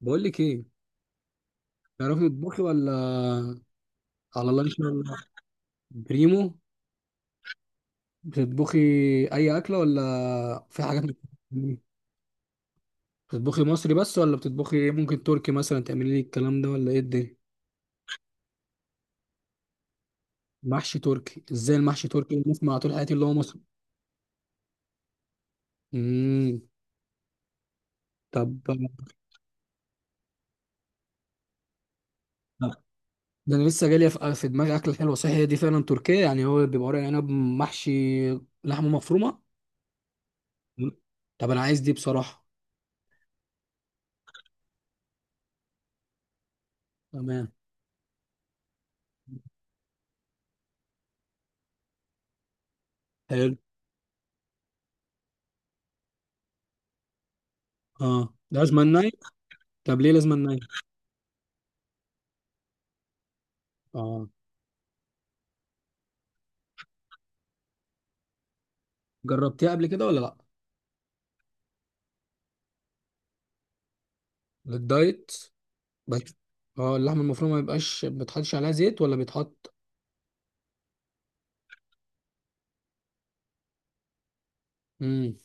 بقول لك ايه. تعرفي تطبخي ولا؟ على الله ان شاء الله. بريمو. بتطبخي اي اكله ولا في حاجات بتطبخي مصري بس ولا بتطبخي إيه؟ ممكن تركي مثلا تعملي لي الكلام ده ولا ايه الدنيا؟ محشي تركي؟ ازاي المحشي تركي اللي بنسمع طول حياتي اللي هو مصري. امم طب، ده انا لسه جالي في دماغي اكله حلوه، صح؟ هي دي فعلا تركيه يعني، هو بيبقى ورق عنب محشي لحمه مفرومه. مم. طب انا عايز دي بصراحه. تمام. حلو. اه، ده لازم ناي. طب ليه لازم ناي؟ اه. جربتيها قبل كده ولا لا؟ للدايت؟ بس اه، اللحمه المفرومه ما يبقاش، ما بيتحطش عليها زيت ولا بيتحط؟ امم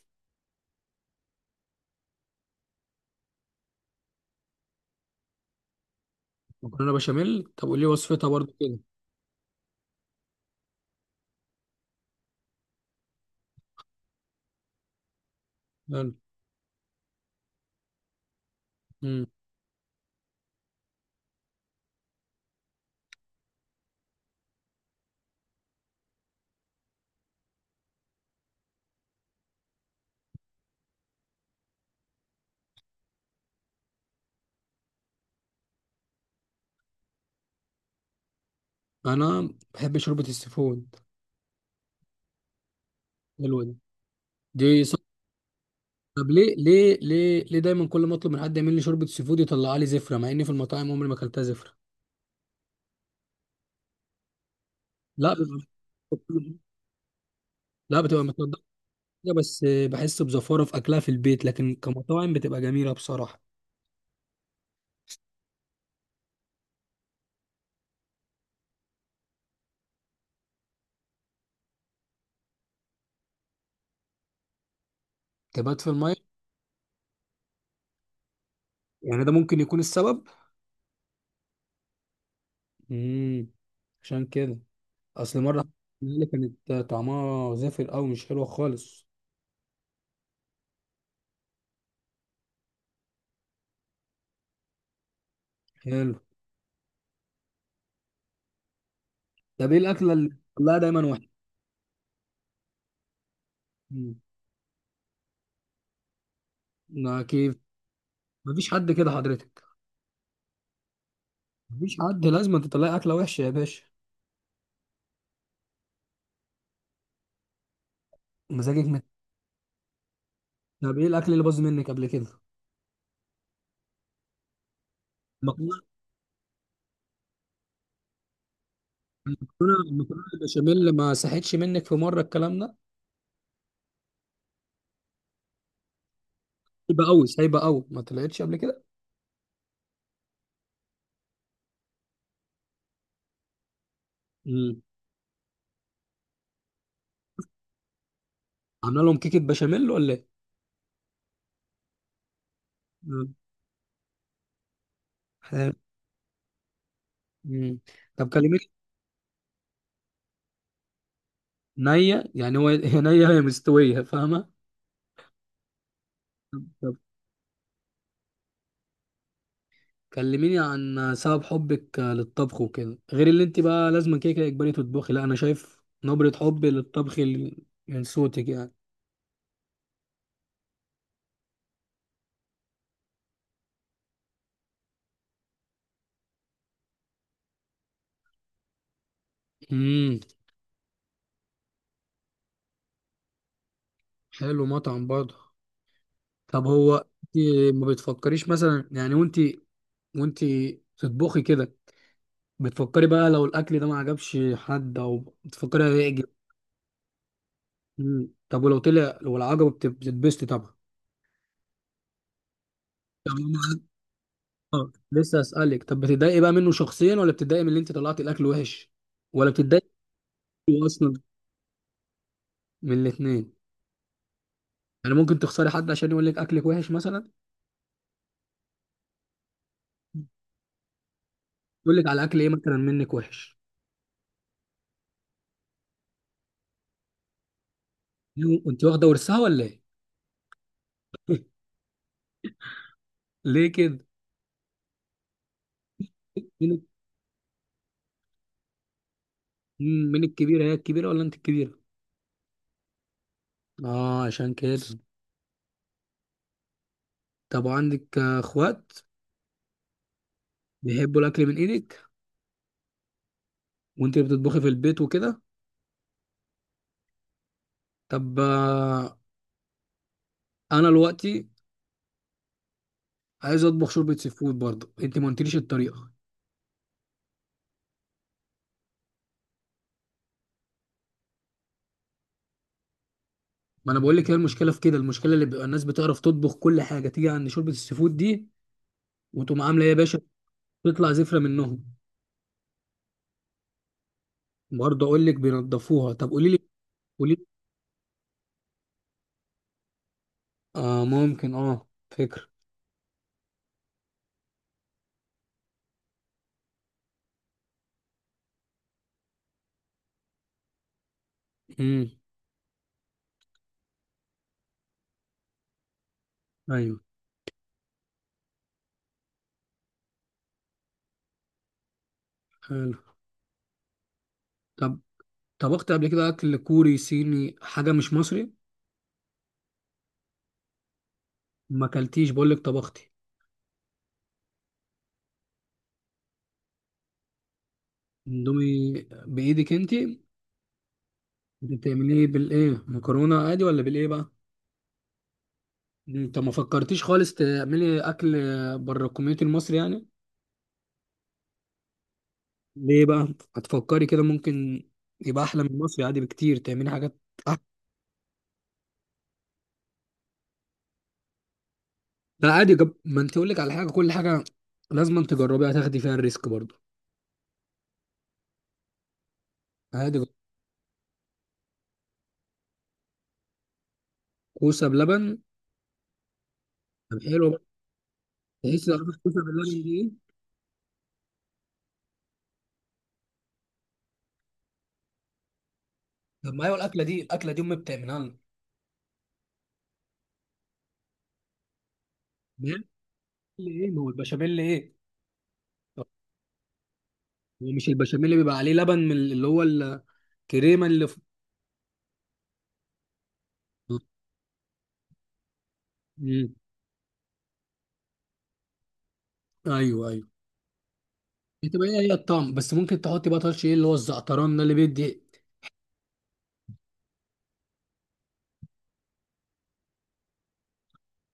مكرونه بشاميل. طب قولي لي وصفتها برضو كده. حلو. امم انا بحب شوربه السيفود. حلوه دي. دي صح. طب ليه ليه ليه ليه دايما كل ما اطلب من حد يعمل لي شوربه سيفود يطلع لي زفره، مع اني في المطاعم عمري ما اكلتها زفره؟ لا، بيبقى. لا، بتبقى متنضفه كده، بس بحس بزفاره في اكلها في البيت، لكن كمطاعم بتبقى جميله بصراحه. تبات في الميه؟ يعني ده ممكن يكون السبب. امم عشان كده. اصل مره اللي كانت طعمها زفر قوي مش حلوه خالص. حلو. طب ايه الاكله اللي بتطلعها دايما وحشه؟ مم. ما كيف. مفيش حد كده حضرتك. مفيش حد، لازم تطلعي اكله وحشه يا باشا. مزاجك مت... طب ايه الاكل اللي باظ منك قبل كده؟ المكرونه. المكرونه البشاميل ما صحتش منك في مره، الكلام ده. هيبقى قوي سايبه قوي، ما طلعتش قبل كده. امم عامله لهم كيكه بشاميل ولا ايه؟ مم. حلو. مم. طب كلمي. نية؟ يعني هو هي نية هي مستوية فاهمة. طب كلميني عن سبب حبك للطبخ وكده، غير اللي انت بقى لازم كده كده اجباري تطبخي. لا، انا شايف نبرة حب للطبخ من صوتك يعني. امم حلو، مطعم برضه. طب هو انت ما بتفكريش مثلا يعني، وانت تطبخي كده، بتفكري بقى لو الاكل ده ما عجبش حد او بتفكري هيعجب؟ مم. طب ولو طلع، لو العجب بتتبسطي طبعا. طب اه، لسه اسالك، طب بتتضايقي بقى منه شخصيا، ولا بتتضايقي من اللي انت طلعتي الاكل وحش، ولا بتتضايقي منه اصلا؟ من الاثنين. يعني ممكن تخسري حد عشان يقول لك اكلك وحش مثلا؟ يقول لك على اكل ايه مثلا منك وحش؟ انت واخده ورثها ولا ايه؟ ليه كده؟ مين مين الكبيره، هي الكبيره ولا انت الكبيره؟ اه عشان كده. طب وعندك اخوات؟ بيحبوا الاكل من ايدك؟ وانت اللي بتطبخي في البيت وكده؟ طب انا دلوقتي عايز اطبخ شوربه سي فود برضه، انت ما قلتليش الطريقه. ما انا بقول لك، هي المشكله في كده، المشكله اللي بيبقى الناس بتعرف تطبخ كل حاجه تيجي عند شوربه السي فود دي، وتقوم عامله ايه يا باشا، تطلع زفره منهم. برضه اقول لك بينضفوها، طب قولي لي، قولي لي. اه ممكن، اه فكره. امم ايوه. حلو. طب طبخت قبل كده اكل كوري صيني، حاجه مش مصري؟ ما اكلتيش، بقول لك طبختي. اندومي؟ بايدك انت؟ بتعمليه ايه؟ بالايه، مكرونه عادي ولا بالايه بقى؟ انت ما فكرتيش خالص تعملي اكل بره الكوميونتي المصري يعني؟ ليه بقى؟ هتفكري كده ممكن؟ يبقى احلى من مصر عادي بكتير، تعملي حاجات احلى. لا، عادي جب... ما انت اقول لك على حاجه، كل حاجه لازم انت تجربيها، هتاخدي فيها الريسك برضه، عادي. كوسه بلبن. طب حلو بقى. تحسي لو عملت كوسه باللبن دي ايه؟ طب ما ايوه الاكله دي، الاكله دي امي بتعملها لنا. بيعمل ايه، ما هو البشاميل ايه؟ هو مش البشاميل اللي بيبقى عليه لبن، من اللي هو الكريمه اللي في...؟ مم. ايوه ايوه بتبقى هي هي الطعم، بس ممكن تحطي بقى طرش، ايه اللي هو الزعتران ده اللي بيدي؟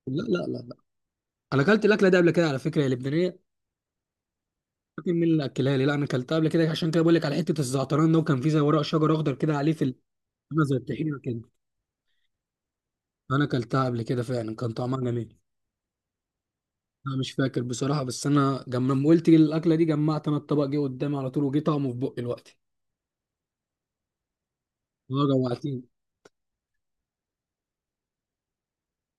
لا لا لا، انا اكلت الاكله دي قبل كده على فكره، يا لبنانيه. لكن مين اللي اكلها لي؟ لا انا اكلتها قبل كده، عشان كده بقول لك على حته الزعتران ده، وكان فيه زي ورق شجر اخضر كده عليه في عامله زي الطحينه كده. انا اكلتها قبل كده فعلا، كان طعمها جميل. انا مش فاكر بصراحه، بس انا لما قلت لي الاكله دي جمعت، انا الطبق جه قدامي على طول، وجه طعمه في بقي دلوقتي. اه جوعتني.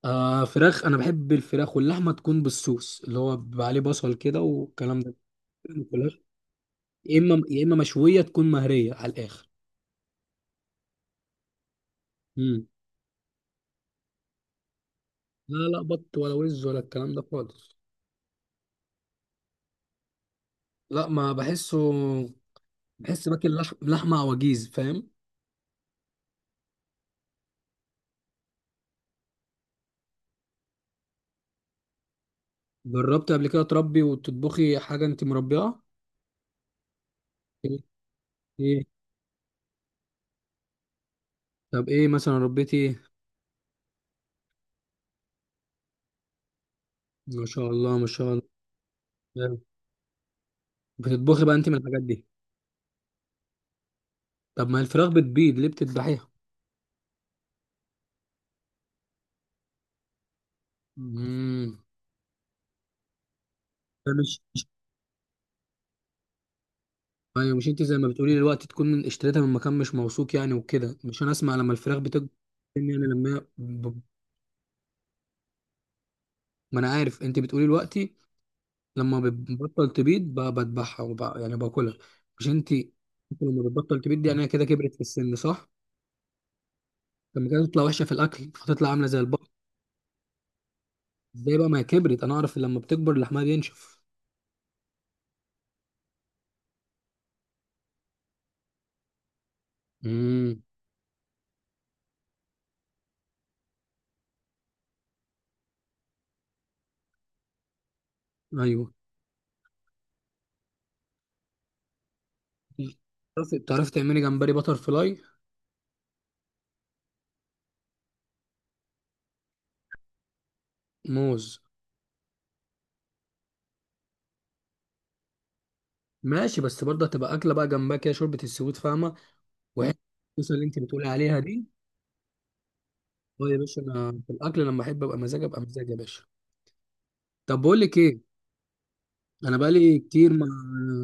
آه فراخ، انا بحب الفراخ واللحمه تكون بالصوص اللي هو بيبقى عليه بصل كده والكلام ده. الفراخ يا اما يا اما مشويه تكون مهريه على الاخر. امم لا لا، بط ولا وز ولا الكلام ده خالص. لا ما بحسه، بحس باكل لحمه عواجيز، فاهم. جربت قبل كده تربي وتطبخي حاجه انت مربيها؟ ايه؟ إيه؟ طب ايه مثلا ربيتي ايه؟ ما شاء الله ما شاء الله. حلو. بتطبخي بقى انت من الحاجات دي؟ طب ما الفراخ بتبيض، ليه بتذبحيها؟ امم ده ايوه مش انت زي ما بتقولي دلوقتي، تكون اشتريتها من مكان مش موثوق يعني وكده، مش انا اسمع لما الفراخ بتكبر، يعني لما هي ما انا عارف انت بتقولي دلوقتي، لما بتبطل تبيض بذبحها يعني باكلها. مش انت لما بتبطل تبيض دي، يعني هي كده كبرت في السن صح؟ لما كانت تطلع وحشه في الاكل فتطلع عامله زي البقر. ازاي بقى، ما هي كبرت، انا اعرف لما بتكبر لحمها بينشف. امم ايوه. تعرفي تعملي جمبري بتر فلاي؟ موز. ماشي، بس برضه هتبقى اكله بقى، جنبها كده شوربه السويت فاهمه، وحته الصوص اللي انت بتقولي عليها دي. اه يا باشا، انا في الاكل لما احب ابقى مزاج، ابقى مزاج يا باشا. طب بقول لك ايه، انا بقالي كتير ما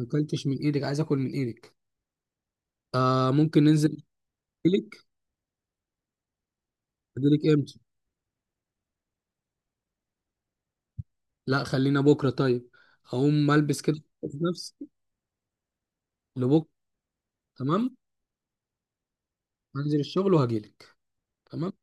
اكلتش من ايدك، عايز اكل من ايدك. آه ممكن ننزل. اجيلك اجيلك امتى؟ لا خلينا بكره طيب، هقوم البس كده نفسي. لبكره. تمام. هنزل الشغل وهجيلك. تمام.